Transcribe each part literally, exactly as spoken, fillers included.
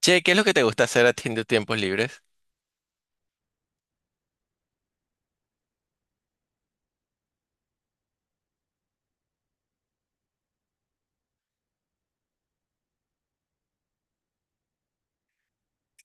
Che, ¿qué es lo que te gusta hacer a ti en tus tiempos libres?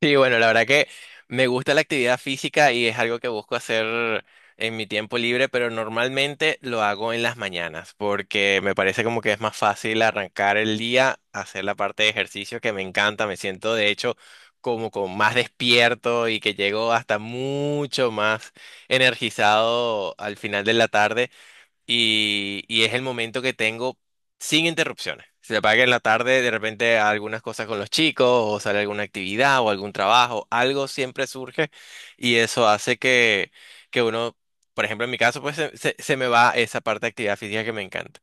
Sí, bueno, la verdad que me gusta la actividad física y es algo que busco hacer en mi tiempo libre, pero normalmente lo hago en las mañanas porque me parece como que es más fácil arrancar el día, hacer la parte de ejercicio que me encanta. Me siento de hecho como con más despierto y que llego hasta mucho más energizado al final de la tarde. y, y es el momento que tengo sin interrupciones. Se apaga que en la tarde, de repente algunas cosas con los chicos, o sale alguna actividad o algún trabajo, algo siempre surge y eso hace que, que uno, por ejemplo, en mi caso, pues se, se- se me va esa parte de actividad física que me encanta.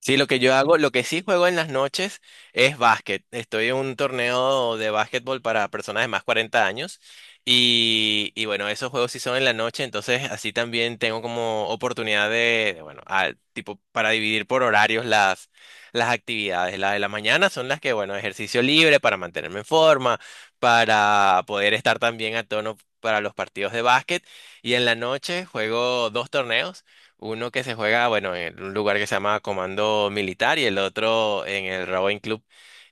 Sí, lo que yo hago, lo que sí juego en las noches es básquet. Estoy en un torneo de básquetbol para personas de más cuarenta años y, y bueno, esos juegos sí son en la noche, entonces así también tengo como oportunidad de, de, bueno, ah, tipo para dividir por horarios las, las actividades. Las de la mañana son las que, bueno, ejercicio libre para mantenerme en forma, para poder estar también a tono para los partidos de básquet y en la noche juego dos torneos. Uno que se juega, bueno, en un lugar que se llama Comando Militar y el otro en el Rowing Club.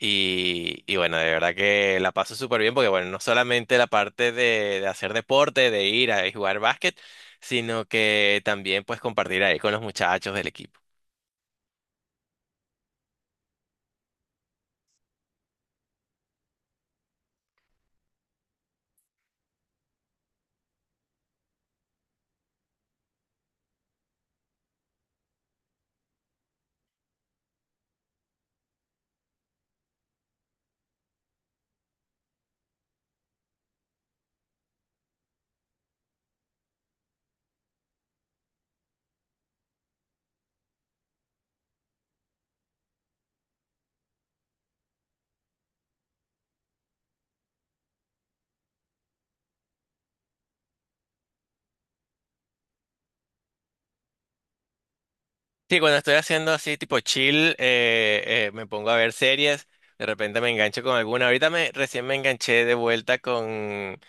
Y, y bueno, de verdad que la paso súper bien porque, bueno, no solamente la parte de, de hacer deporte, de ir a jugar básquet, sino que también pues compartir ahí con los muchachos del equipo. Sí, cuando estoy haciendo así tipo chill, eh, eh, me pongo a ver series, de repente me engancho con alguna. Ahorita me, recién me enganché de vuelta con...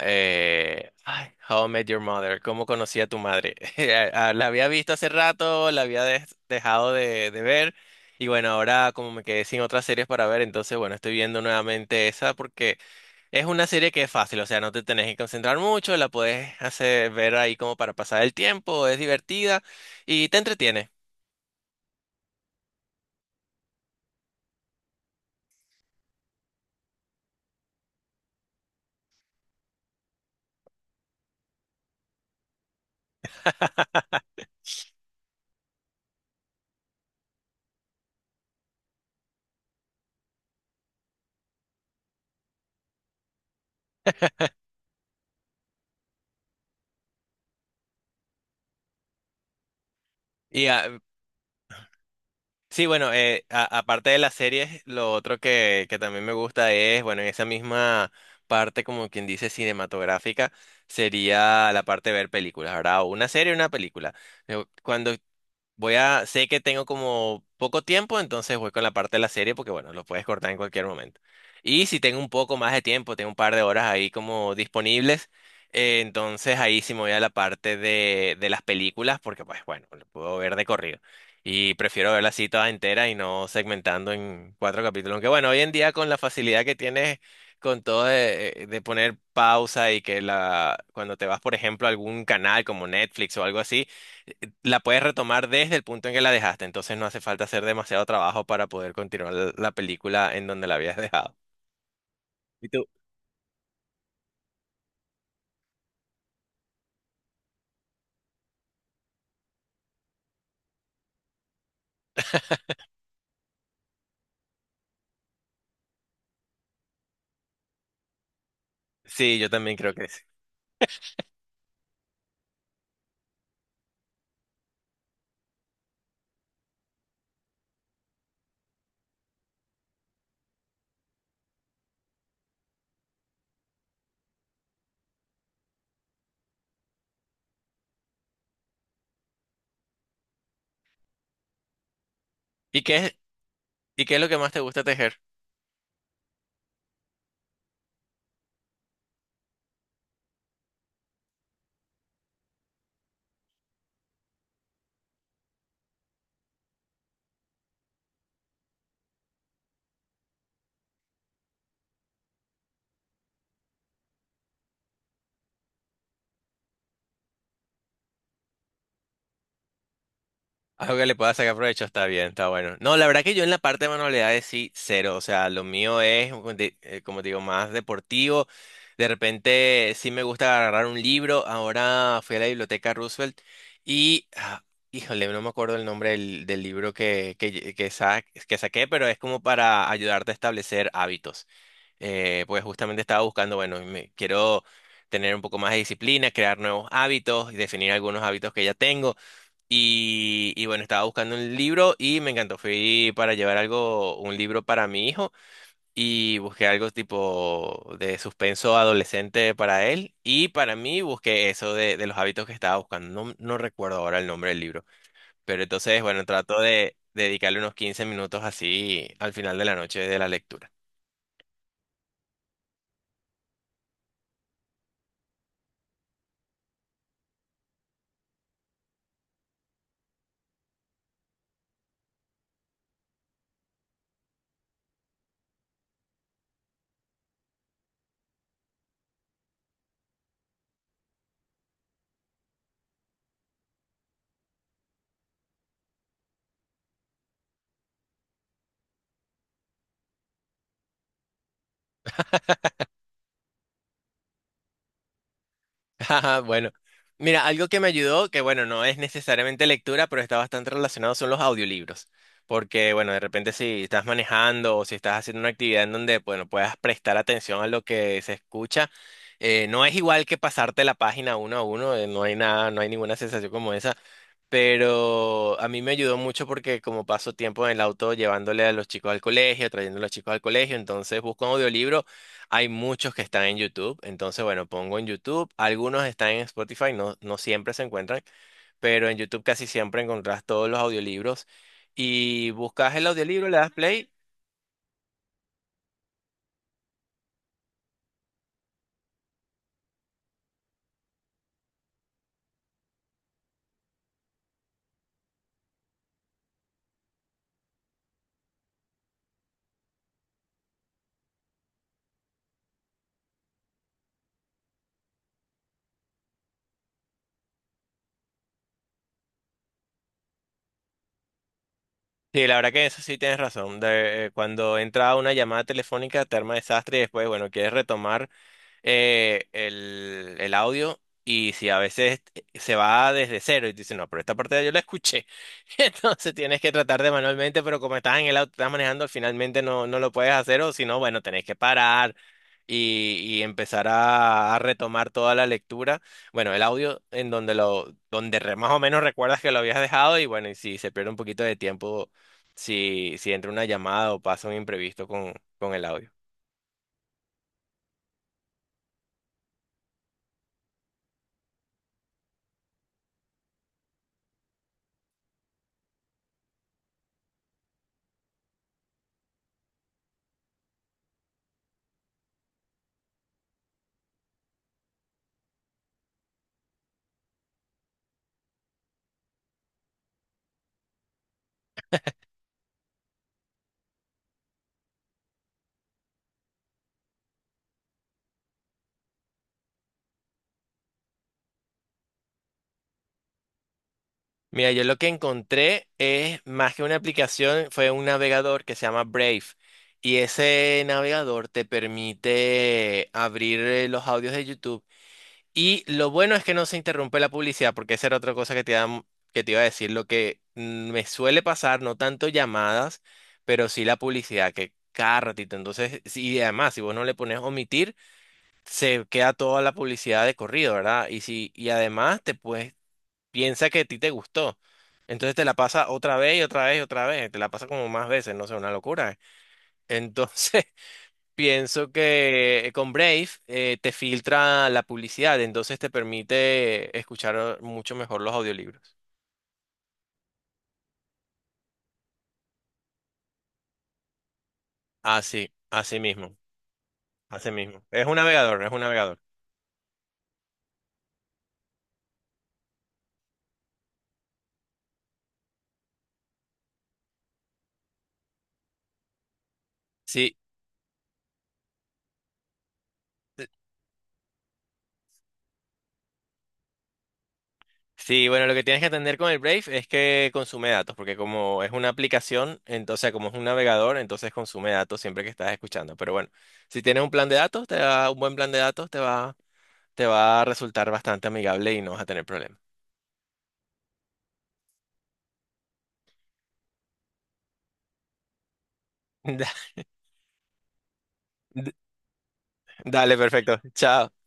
Eh, ay, How I Met Your Mother, ¿cómo conocí a tu madre? Eh, Ah, La había visto hace rato, la había des- dejado de, de ver y bueno, ahora como me quedé sin otras series para ver, entonces bueno, estoy viendo nuevamente esa porque es una serie que es fácil, o sea, no te tenés que concentrar mucho, la puedes hacer ver ahí como para pasar el tiempo, es divertida y te entretiene. Sí, bueno, eh, a- aparte de las series, lo otro que, que también me gusta es, bueno, en esa misma parte, como quien dice, cinematográfica, sería la parte de ver películas, ¿verdad? O una serie o una película. Yo, Cuando Voy a, Sé que tengo como poco tiempo, entonces voy con la parte de la serie porque bueno, lo puedes cortar en cualquier momento. Y si tengo un poco más de tiempo, tengo un par de horas ahí como disponibles, eh, entonces ahí sí me voy a la parte de, de las películas porque pues bueno, lo puedo ver de corrido. Y prefiero verla así toda entera y no segmentando en cuatro capítulos. Aunque bueno, hoy en día con la facilidad que tienes con todo de, de poner pausa y que la, cuando te vas, por ejemplo, a algún canal como Netflix o algo así, la puedes retomar desde el punto en que la dejaste, entonces no hace falta hacer demasiado trabajo para poder continuar la la película en donde la habías dejado. ¿Y tú? Sí, yo también creo que sí. ¿Y qué es, y qué es lo que más te gusta tejer? Algo que le pueda sacar provecho está bien, está bueno. No, la verdad que yo en la parte de manualidades sí, cero. O sea, lo mío es, como te eh, como te digo, más deportivo. De repente sí me gusta agarrar un libro. Ahora fui a la biblioteca Roosevelt y, ah, híjole, no me acuerdo el nombre del, del libro que, que, lle- que, sa- que saqué, pero es como para ayudarte a establecer hábitos. Eh, pues justamente estaba buscando, bueno, me, quiero tener un poco más de disciplina, crear nuevos hábitos y definir algunos hábitos que ya tengo. Y, y bueno, estaba buscando un libro y me encantó. Fui para llevar algo, un libro para mi hijo y busqué algo tipo de suspenso adolescente para él y para mí busqué eso de, de los hábitos que estaba buscando. No, no recuerdo ahora el nombre del libro, pero entonces, bueno, trato de dedicarle unos quince minutos así al final de la noche de la lectura. Ajá. Bueno, mira, algo que me ayudó, que bueno, no es necesariamente lectura, pero está bastante relacionado, son los audiolibros. Porque, bueno, de repente si estás manejando o si estás haciendo una actividad en donde, bueno, puedas prestar atención a lo que se escucha, eh, no es igual que pasarte la página uno a uno, eh, no hay nada, no hay ninguna sensación como esa. Pero a mí me ayudó mucho porque como paso tiempo en el auto llevándole a los chicos al colegio, trayendo a los chicos al colegio, entonces busco un audiolibro. Hay muchos que están en YouTube, entonces bueno, pongo en YouTube, algunos están en Spotify, no, no siempre se encuentran, pero en YouTube casi siempre encontrás todos los audiolibros y buscas el audiolibro, le das play. Sí, la verdad que eso sí tienes razón. De- eh, cuando entra una llamada telefónica te arma desastre y después, bueno, quieres retomar eh, el, el audio y si a veces se va desde cero y te dicen, no, pero esta parte yo la escuché. Entonces tienes que tratar de manualmente, pero como estás en el auto, estás manejando, finalmente no, no lo puedes hacer o si no, bueno, tenés que parar y, y empezar a, a retomar toda la lectura. Bueno, el audio en donde lo, donde re- más o menos recuerdas que lo habías dejado y bueno, y si se pierde un poquito de tiempo, si, si entra una llamada o pasa un imprevisto con, con el audio. Mira, yo lo que encontré es más que una aplicación, fue un navegador que se llama Brave. Y ese navegador te permite abrir eh, los audios de YouTube. Y lo bueno es que no se interrumpe la publicidad, porque esa era otra cosa que te iba, que te iba a decir. Lo que mm, me suele pasar, no tanto llamadas, pero sí la publicidad, que cada ratito. Entonces, sí, y además, si vos no le pones omitir, se queda toda la publicidad de corrido, ¿verdad? Y si, y además te puedes piensa que a ti te gustó. Entonces te la pasa otra vez y otra vez y otra vez. Te la pasa como más veces, no sé, una locura. Entonces pienso que eh, con Brave eh, te filtra la publicidad, entonces te permite escuchar eh, mucho mejor los audiolibros. Así, así mismo, así mismo. Es un navegador, es un navegador. Sí. Sí, bueno, lo que tienes que atender con el Brave es que consume datos, porque como es una aplicación, entonces como es un navegador, entonces consume datos siempre que estás escuchando. Pero bueno, si tienes un plan de datos, te va, un buen plan de datos te va, te va a resultar bastante amigable y no vas a tener problemas. Da- Dale, perfecto. Chao.